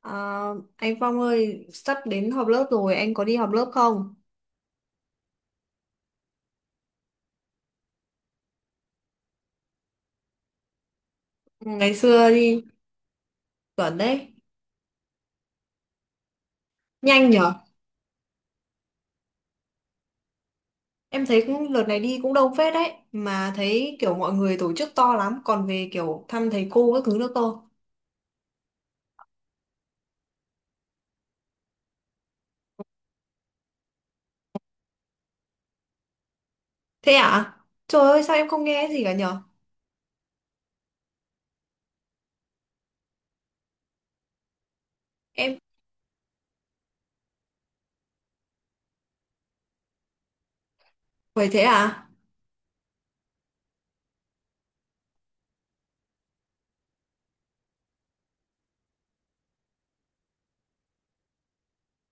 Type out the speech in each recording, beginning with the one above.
Ờ, anh Phong ơi, sắp đến họp lớp rồi, anh có đi họp lớp không? Ngày xưa đi, chuẩn đấy. Nhanh nhở? Em thấy đợt này đi cũng đông phết đấy. Mà thấy kiểu mọi người tổ chức to lắm, còn về kiểu thăm thầy cô các thứ nữa cơ. Thế à? Trời ơi, sao em không nghe gì cả nhở? Em, vậy thế à?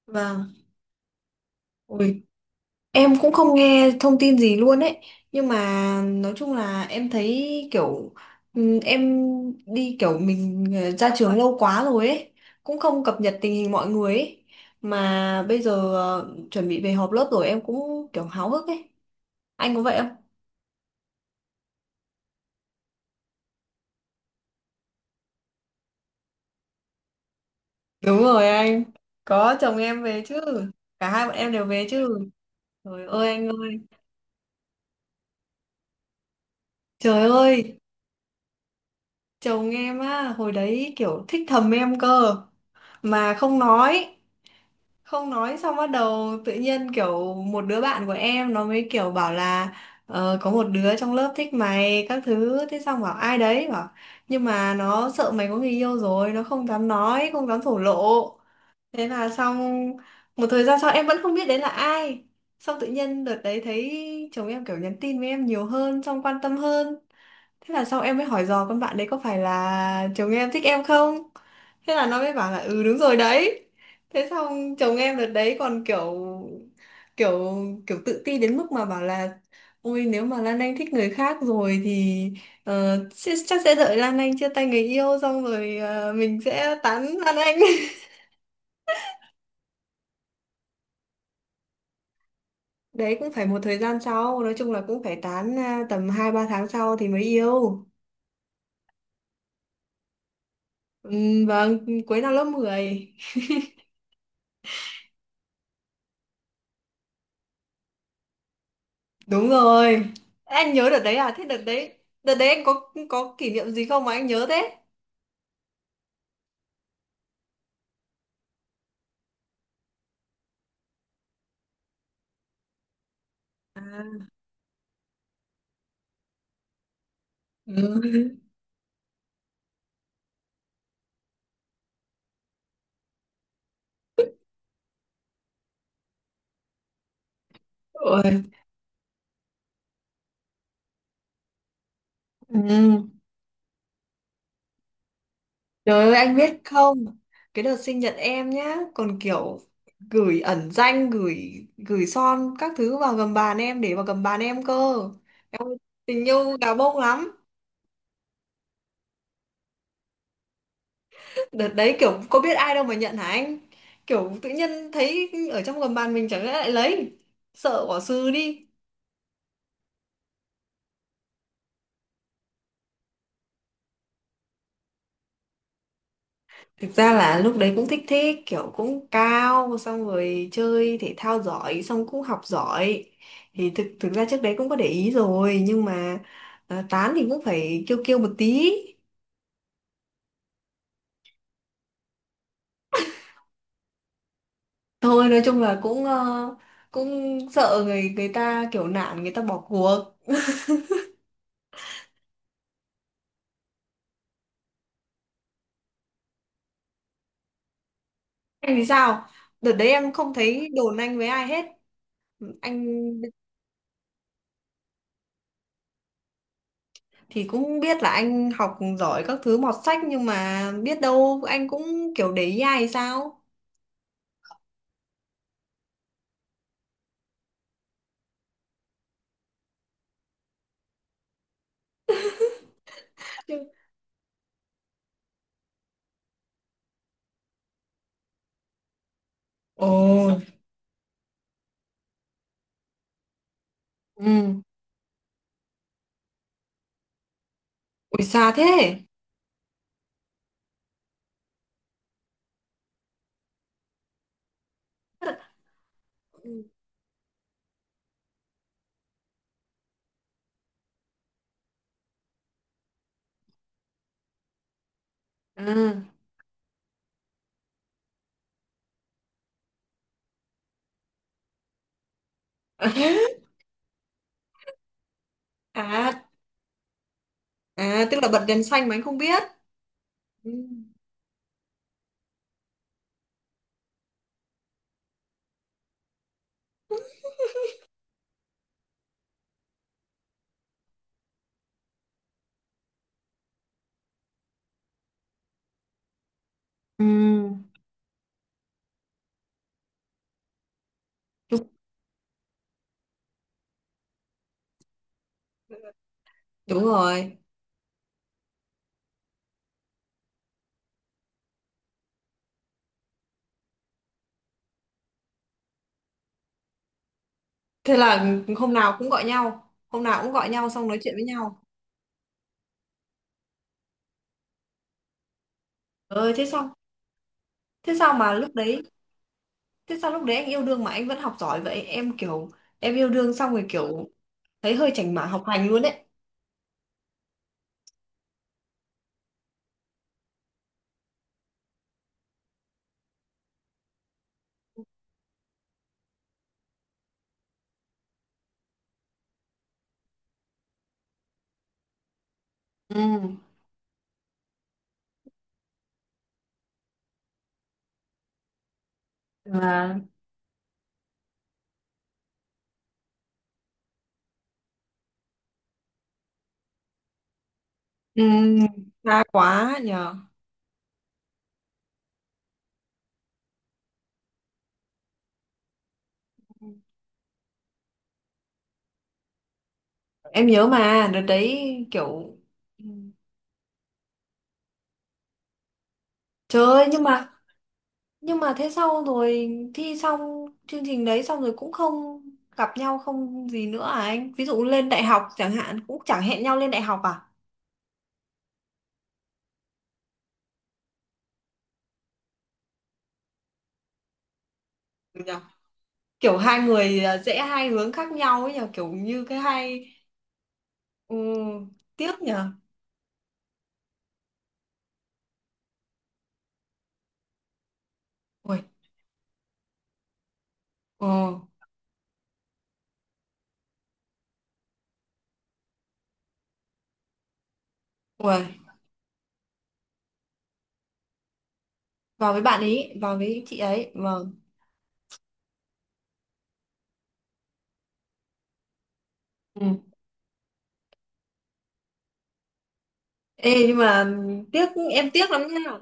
Vâng. Ui, em cũng không nghe thông tin gì luôn ấy. Nhưng mà nói chung là em thấy kiểu em đi kiểu mình, ra trường lâu quá rồi ấy. Cũng không cập nhật tình hình mọi người ấy. Mà bây giờ, chuẩn bị về họp lớp rồi em cũng kiểu háo hức ấy. Anh có vậy không? Đúng rồi anh. Có chồng em về chứ. Cả hai bọn em đều về chứ. Trời ơi anh ơi. Trời ơi. Chồng em á. Hồi đấy kiểu thích thầm em cơ. Mà không nói, xong bắt đầu tự nhiên kiểu một đứa bạn của em nó mới kiểu bảo là có một đứa trong lớp thích mày các thứ, thế xong bảo ai đấy bảo nhưng mà nó sợ mày có người yêu rồi, nó không dám nói, không dám thổ lộ. Thế là xong, một thời gian sau em vẫn không biết đấy là ai. Xong tự nhiên đợt đấy thấy chồng em kiểu nhắn tin với em nhiều hơn, xong quan tâm hơn. Thế là sau em mới hỏi dò con bạn đấy có phải là chồng em thích em không? Thế là nó mới bảo là ừ đúng rồi đấy. Thế xong chồng em đợt đấy còn kiểu kiểu kiểu tự ti đến mức mà bảo là ôi nếu mà Lan Anh thích người khác rồi thì chắc sẽ đợi Lan Anh chia tay người yêu xong rồi mình sẽ tán Lan Anh. Đấy cũng phải một thời gian sau, nói chung là cũng phải tán à, tầm 2 3 tháng sau thì mới yêu. Ừ, vâng, cuối năm lớp mười. Đúng rồi. Anh nhớ đợt đấy à? Thế đợt đấy anh có kỷ niệm gì không mà anh nhớ thế? Ừ. Ôi. Ừ. Trời ơi anh biết không? Cái đợt sinh nhật em nhá, còn kiểu gửi ẩn danh, gửi gửi son các thứ vào gầm bàn em, để vào gầm bàn em cơ. Em ơi, tình yêu gà bông lắm. Đợt đấy kiểu có biết ai đâu mà nhận hả anh? Kiểu tự nhiên thấy ở trong gầm bàn mình chẳng lẽ lại lấy. Sợ bỏ sư đi. Thực ra là lúc đấy cũng thích thích, kiểu cũng cao, xong rồi chơi thể thao giỏi, xong cũng học giỏi, thì thực thực ra trước đấy cũng có để ý rồi nhưng mà tán thì cũng phải kiêu kiêu một tí. Thôi nói chung là cũng, cũng sợ người người ta kiểu nản, người ta bỏ cuộc. Em thì sao, đợt đấy em không thấy đồn anh với ai hết. Anh thì cũng biết là anh học giỏi các thứ mọt sách nhưng mà biết đâu anh cũng kiểu để ý ai hay sao. Chứ- Ồ. Ừ. Ui xa thế. Ừ. À. À, à tức là bật đèn xanh mà anh không biết. Ừ. Ừ. Đúng rồi. Thế là hôm nào cũng gọi nhau, hôm nào cũng gọi nhau xong nói chuyện với nhau. Ờ thế sao? Thế sao mà lúc đấy, thế sao lúc đấy anh yêu đương mà anh vẫn học giỏi vậy? Em kiểu em yêu đương xong rồi kiểu thấy hơi chảnh mảng học hành luôn đấy. Ừ. Mà ừ, xa quá nhờ. Em nhớ mà đợt đấy kiểu ừ, trời ơi nhưng mà nhưng mà thế sau rồi thi xong chương trình đấy xong rồi cũng không gặp nhau không gì nữa à anh? Ví dụ lên đại học chẳng hạn cũng chẳng hẹn nhau lên đại học à? Ừ nhở? Kiểu hai người à, rẽ hai hướng khác nhau ấy nhỉ, kiểu như cái hai ừ, tiếc nhỉ. Ui, ừ, ui, vào với bạn ấy, vào với chị ấy. Vâng. Ừ. Ê nhưng mà tiếc, em tiếc lắm nha.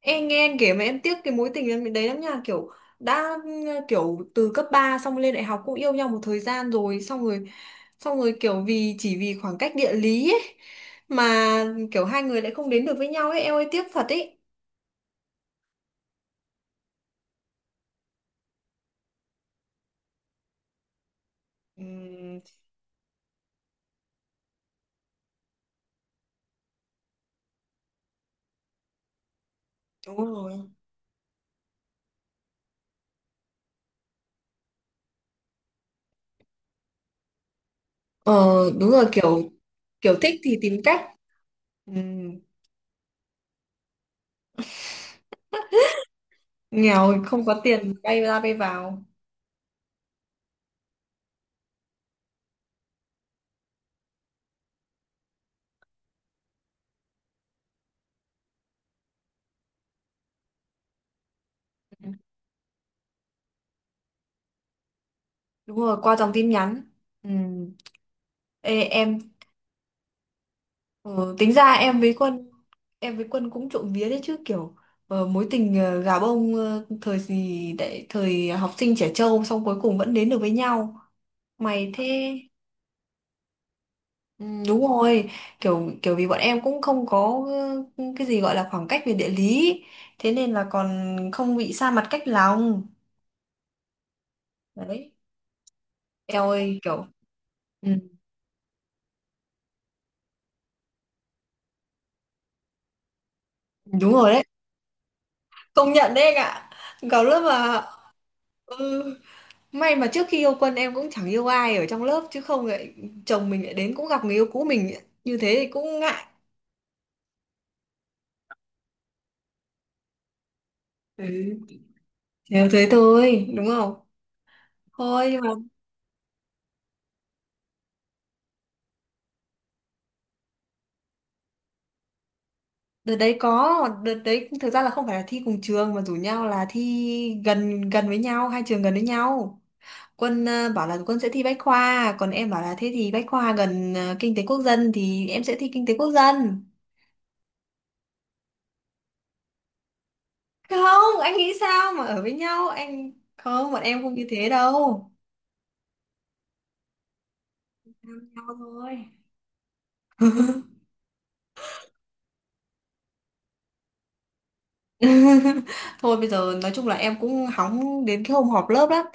Em nghe anh kể mà em tiếc cái mối tình em đấy lắm nha, kiểu đã ừ, kiểu từ cấp 3 xong lên đại học cũng yêu nhau một thời gian rồi, xong rồi kiểu vì chỉ vì khoảng cách địa lý ấy, mà kiểu hai người lại không đến được với nhau ấy, em ơi tiếc thật ấy. Ừ, đúng rồi. Ờ đúng rồi kiểu kiểu thích thì tìm cách. Ừ, nghèo thì không có tiền bay ra bay vào. Ừ. Đúng rồi qua dòng tin nhắn. Ừ. Ê, em ừ, tính ra em với Quân, em với Quân cũng trộm vía đấy chứ kiểu mối tình, gà bông, thời gì đấy, thời học sinh trẻ trâu xong cuối cùng vẫn đến được với nhau mày thế. Ừ, đúng rồi, kiểu kiểu vì bọn em cũng không có cái gì gọi là khoảng cách về địa lý, thế nên là còn không bị xa mặt cách lòng. Đấy. Eo ơi kiểu ừ, đúng rồi đấy, công nhận đấy anh ạ. Có lúc mà ừ, may mà trước khi yêu Quân em cũng chẳng yêu ai ở trong lớp chứ không lại chồng mình lại đến cũng gặp người yêu cũ mình như thế thì cũng ngại. Ừ, theo thế thôi, đúng không? Thôi nhưng mà đợt đấy có, đợt đấy thực ra là không phải là thi cùng trường mà rủ nhau là thi gần gần với nhau, hai trường gần với nhau. Quân bảo là Quân sẽ thi Bách khoa, còn em bảo là thế thì Bách khoa gần Kinh tế Quốc dân thì em sẽ thi Kinh tế Quốc dân. Không, anh nghĩ sao mà ở với nhau, anh không, bọn em không như thế đâu. Làm nhau thôi. Thôi bây giờ nói chung là em cũng hóng đến cái hôm họp lớp lắm.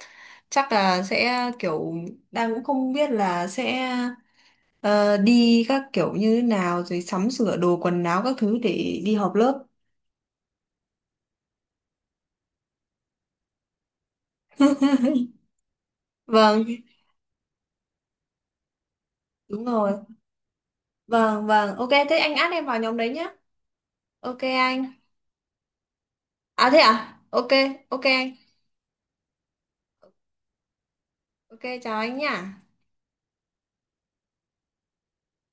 Chắc là sẽ kiểu đang cũng không biết là sẽ đi các kiểu như thế nào rồi sắm sửa đồ quần áo các thứ để đi họp lớp. Vâng, đúng rồi. Vâng, vâng. Ok, thế anh add em vào nhóm đấy nhá. Ok anh. À thế à? Ok, ok anh. Ok, chào anh nhá.